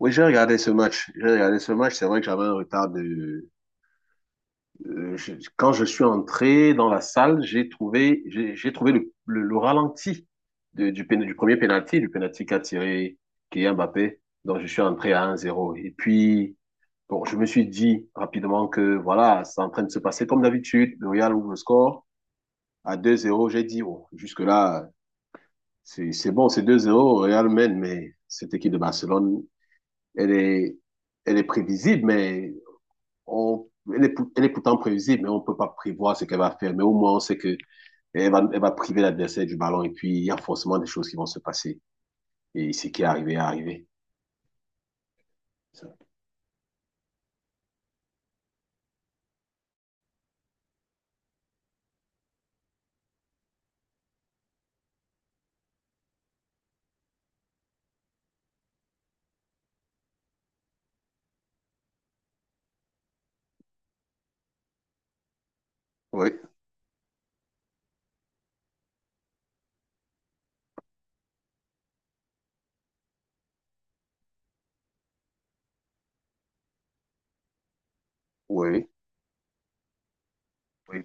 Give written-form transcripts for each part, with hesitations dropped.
Oui, j'ai regardé ce match. J'ai regardé ce match. C'est vrai que j'avais un retard de. Je- Quand je suis entré dans la salle, j'ai trouvé le ralenti du premier penalty, du penalty qu'a tiré Kylian Mbappé. Donc, je suis entré à un zéro. Et puis, bon, je me suis dit rapidement que voilà, c'est en train de se passer comme d'habitude. Le Real ouvre le score à deux zéro. J'ai dit, oh, jusque-là, c'est bon, c'est deux zéro. Le Real mène, mais cette équipe de Barcelone, elle est elle est prévisible, mais on- elle est, elle est pourtant prévisible, mais on ne peut pas prévoir ce qu'elle va faire. Mais au moins, on sait que elle va priver l'adversaire du ballon et puis il y a forcément des choses qui vont se passer. Et ce qui est arrivé est arrivé. Oui, oui, oui.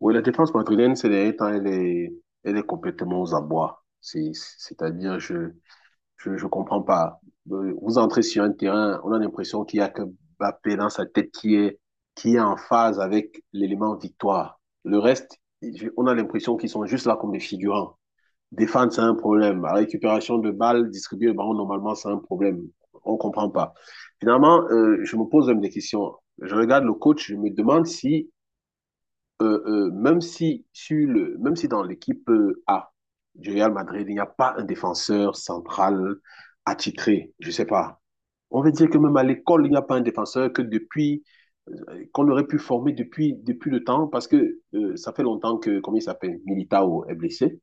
Oui, la défense madrilène, ces derniers temps, elle est complètement aux abois. C'est-à-dire, je comprends pas. Vous entrez sur un terrain, on a l'impression qu'il y a que Mbappé dans sa tête qui est en phase avec l'élément victoire. Le reste, on a l'impression qu'ils sont juste là comme des figurants. Défendre, c'est un problème. La récupération de balles, distribuer le ballon, normalement, c'est un problème. On ne comprend pas. Finalement, je me pose même des questions. Je regarde le coach, je me demande si, même, si sur le, même si dans l'équipe A du Real Madrid, il n'y a pas un défenseur central attitré, je ne sais pas. On veut dire que même à l'école, il n'y a pas un défenseur que depuis qu'on aurait pu former depuis, depuis le temps, parce que ça fait longtemps que, comment il s'appelle, Militao est blessé.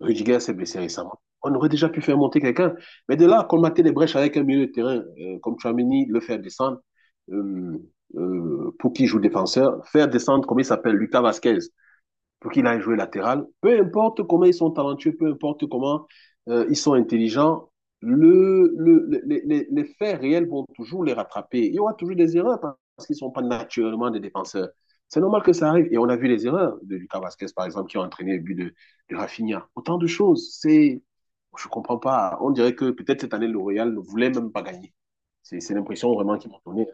Rudiger s'est blessé récemment. On aurait déjà pu faire monter quelqu'un. Mais de là, colmater les brèches avec un milieu de terrain comme Chouameni, le faire descendre, euh, pour qui joue défenseur, faire descendre, comment il s'appelle, Lucas Vasquez pour qu'il aille jouer latéral. Peu importe comment ils sont talentueux, peu importe comment ils sont intelligents, le faits réels vont toujours les rattraper. Il y aura toujours des erreurs parce qu'ils ne sont pas naturellement des défenseurs. C'est normal que ça arrive. Et on a vu les erreurs de Lucas Vasquez, par exemple, qui ont entraîné le but de Rafinha. Autant de choses. C'est, je ne comprends pas. On dirait que peut-être cette année, le Royal ne voulait même pas gagner. C'est l'impression vraiment qu'ils m'ont donnée.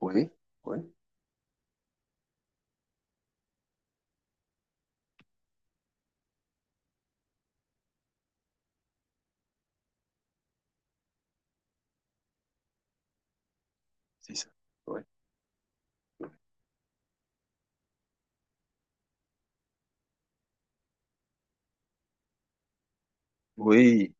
Oui, oui, c'est ça. Oui, oui,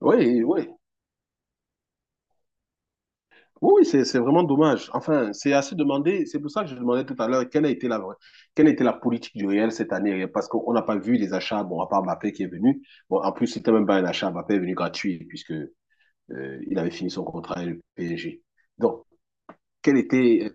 oui. Oui. Oui, oui, c'est vraiment dommage. Enfin, c'est assez demandé. C'est pour ça que je demandais tout à l'heure quelle a été la politique du Real cette année, parce qu'on n'a pas vu les achats. Bon, à part Mbappé qui est venu. Bon, en plus, c'était même pas un achat. Mbappé est venu gratuit puisque il avait fini son contrat avec le PSG. Donc, quelle était, euh,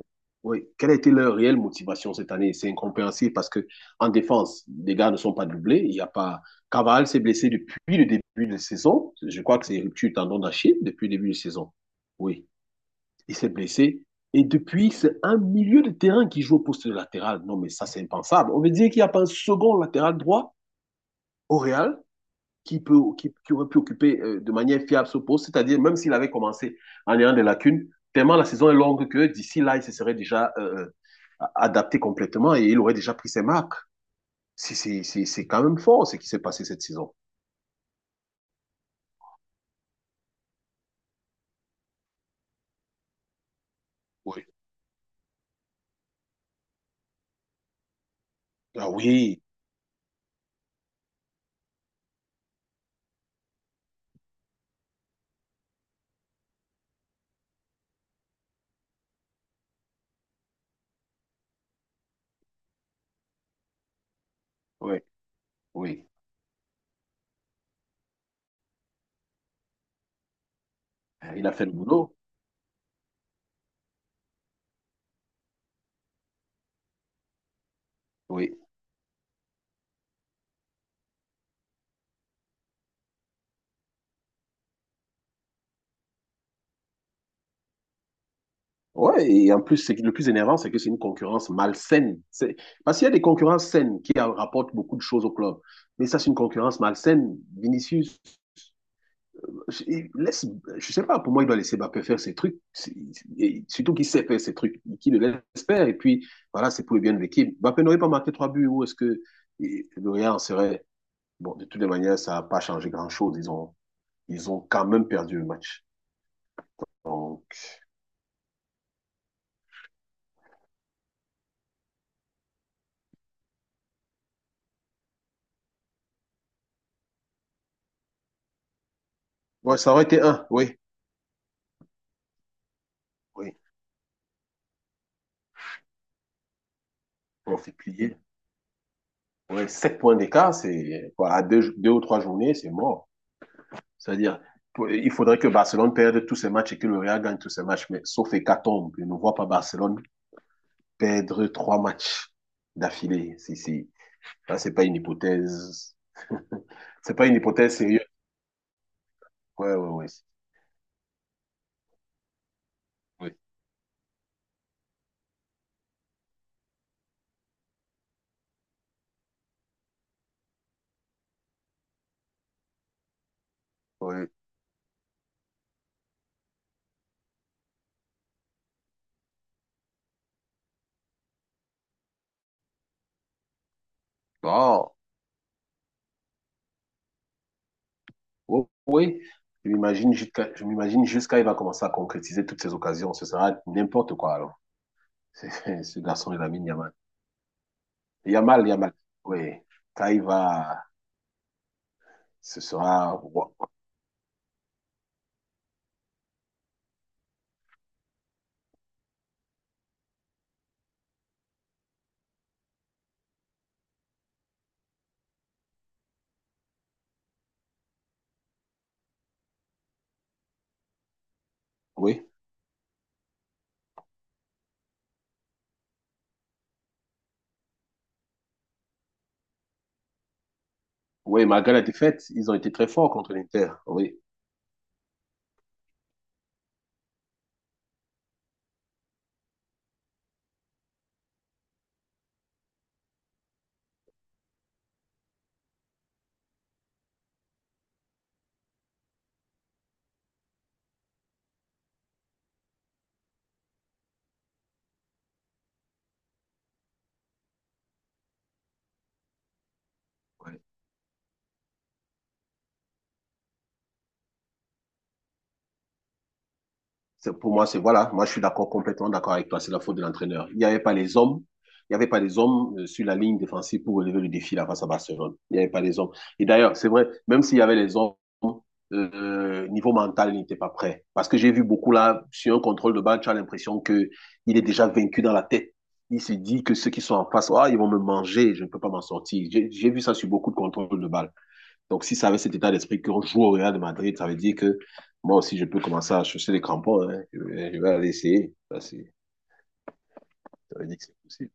oui, quelle a été leur réelle motivation cette année? C'est incompréhensible parce que en défense, les gars ne sont pas doublés. Il y a pas. Cavani s'est blessé depuis le début de la saison. Je crois que c'est rupture tendon d'Achille depuis le début de la saison. Oui. Il s'est blessé. Et depuis, c'est un milieu de terrain qui joue au poste de latéral. Non, mais ça, c'est impensable. On veut dire qu'il n'y a pas un second latéral droit au Real qui aurait pu occuper de manière fiable ce poste. C'est-à-dire, même s'il avait commencé en ayant des lacunes, tellement la saison est longue que d'ici là, il se serait déjà adapté complètement et il aurait déjà pris ses marques. C'est quand même fort ce qui s'est passé cette saison. Oui. Ah oui, oui, oui. Il a fait le boulot. Oui. Ouais, et en plus, c'est que le plus énervant, c'est que c'est une concurrence malsaine. C'est... Parce qu'il y a des concurrences saines qui rapportent beaucoup de choses au club. Mais ça, c'est une concurrence malsaine. Vinicius, il laisse, je sais pas, pour moi, il doit laisser Mbappé faire ses trucs. C'est- et surtout qu'il sait faire ses trucs, qu'il le laisse faire. Et puis, voilà, c'est pour le bien de l'équipe. Mbappé n'aurait pas marqué trois buts. Où est-ce que et le en serait? Bon, de toutes les manières, ça n'a pas changé grand-chose. Ils ont quand même perdu le match. Donc, ouais, ça aurait été un, oui. Oui, on s'est plié. Ouais, 7 points d'écart, c'est quoi, à deux ou trois journées, c'est mort. C'est-à-dire, pour- il faudrait que Barcelone perde tous ses matchs et que le Real gagne tous ses matchs, mais sauf hécatombe, je ne vois pas Barcelone perdre trois matchs d'affilée. Si, si. Là, c'est pas une hypothèse. C'est pas une hypothèse sérieuse. Ouais, ouais, ouais. Oui. Ouais. Bon, oui, oui. Je m'imagine jusqu'à il va commencer à concrétiser toutes ces occasions. Ce sera n'importe quoi, alors. C'est- Ce garçon de la mine Yamal, Oui. Quand il va, ce sera. Oui. Oui, malgré la défaite, ils ont été très forts contre l'Inter. Oui. Oui. Pour moi, c'est voilà, moi je suis complètement d'accord avec toi, c'est la faute de l'entraîneur. Il n'y avait pas les hommes sur la ligne défensive pour relever le défi là face à Barcelone. Il n'y avait pas les hommes. Et d'ailleurs, c'est vrai, même s'il y avait les hommes, niveau mental, il n'était pas prêt. Parce que j'ai vu beaucoup là, sur un contrôle de balle, tu as l'impression que il est déjà vaincu dans la tête. Il se dit que ceux qui sont en face, ah, ils vont me manger, je ne peux pas m'en sortir. J'ai vu ça sur beaucoup de contrôles de balle. Donc, si ça avait cet état d'esprit qu'on joue au Real de Madrid, ça veut dire que moi aussi, je peux commencer à chercher les crampons. Hein. Je vais aller essayer. Ça, c'est- ça veut dire que c'est possible.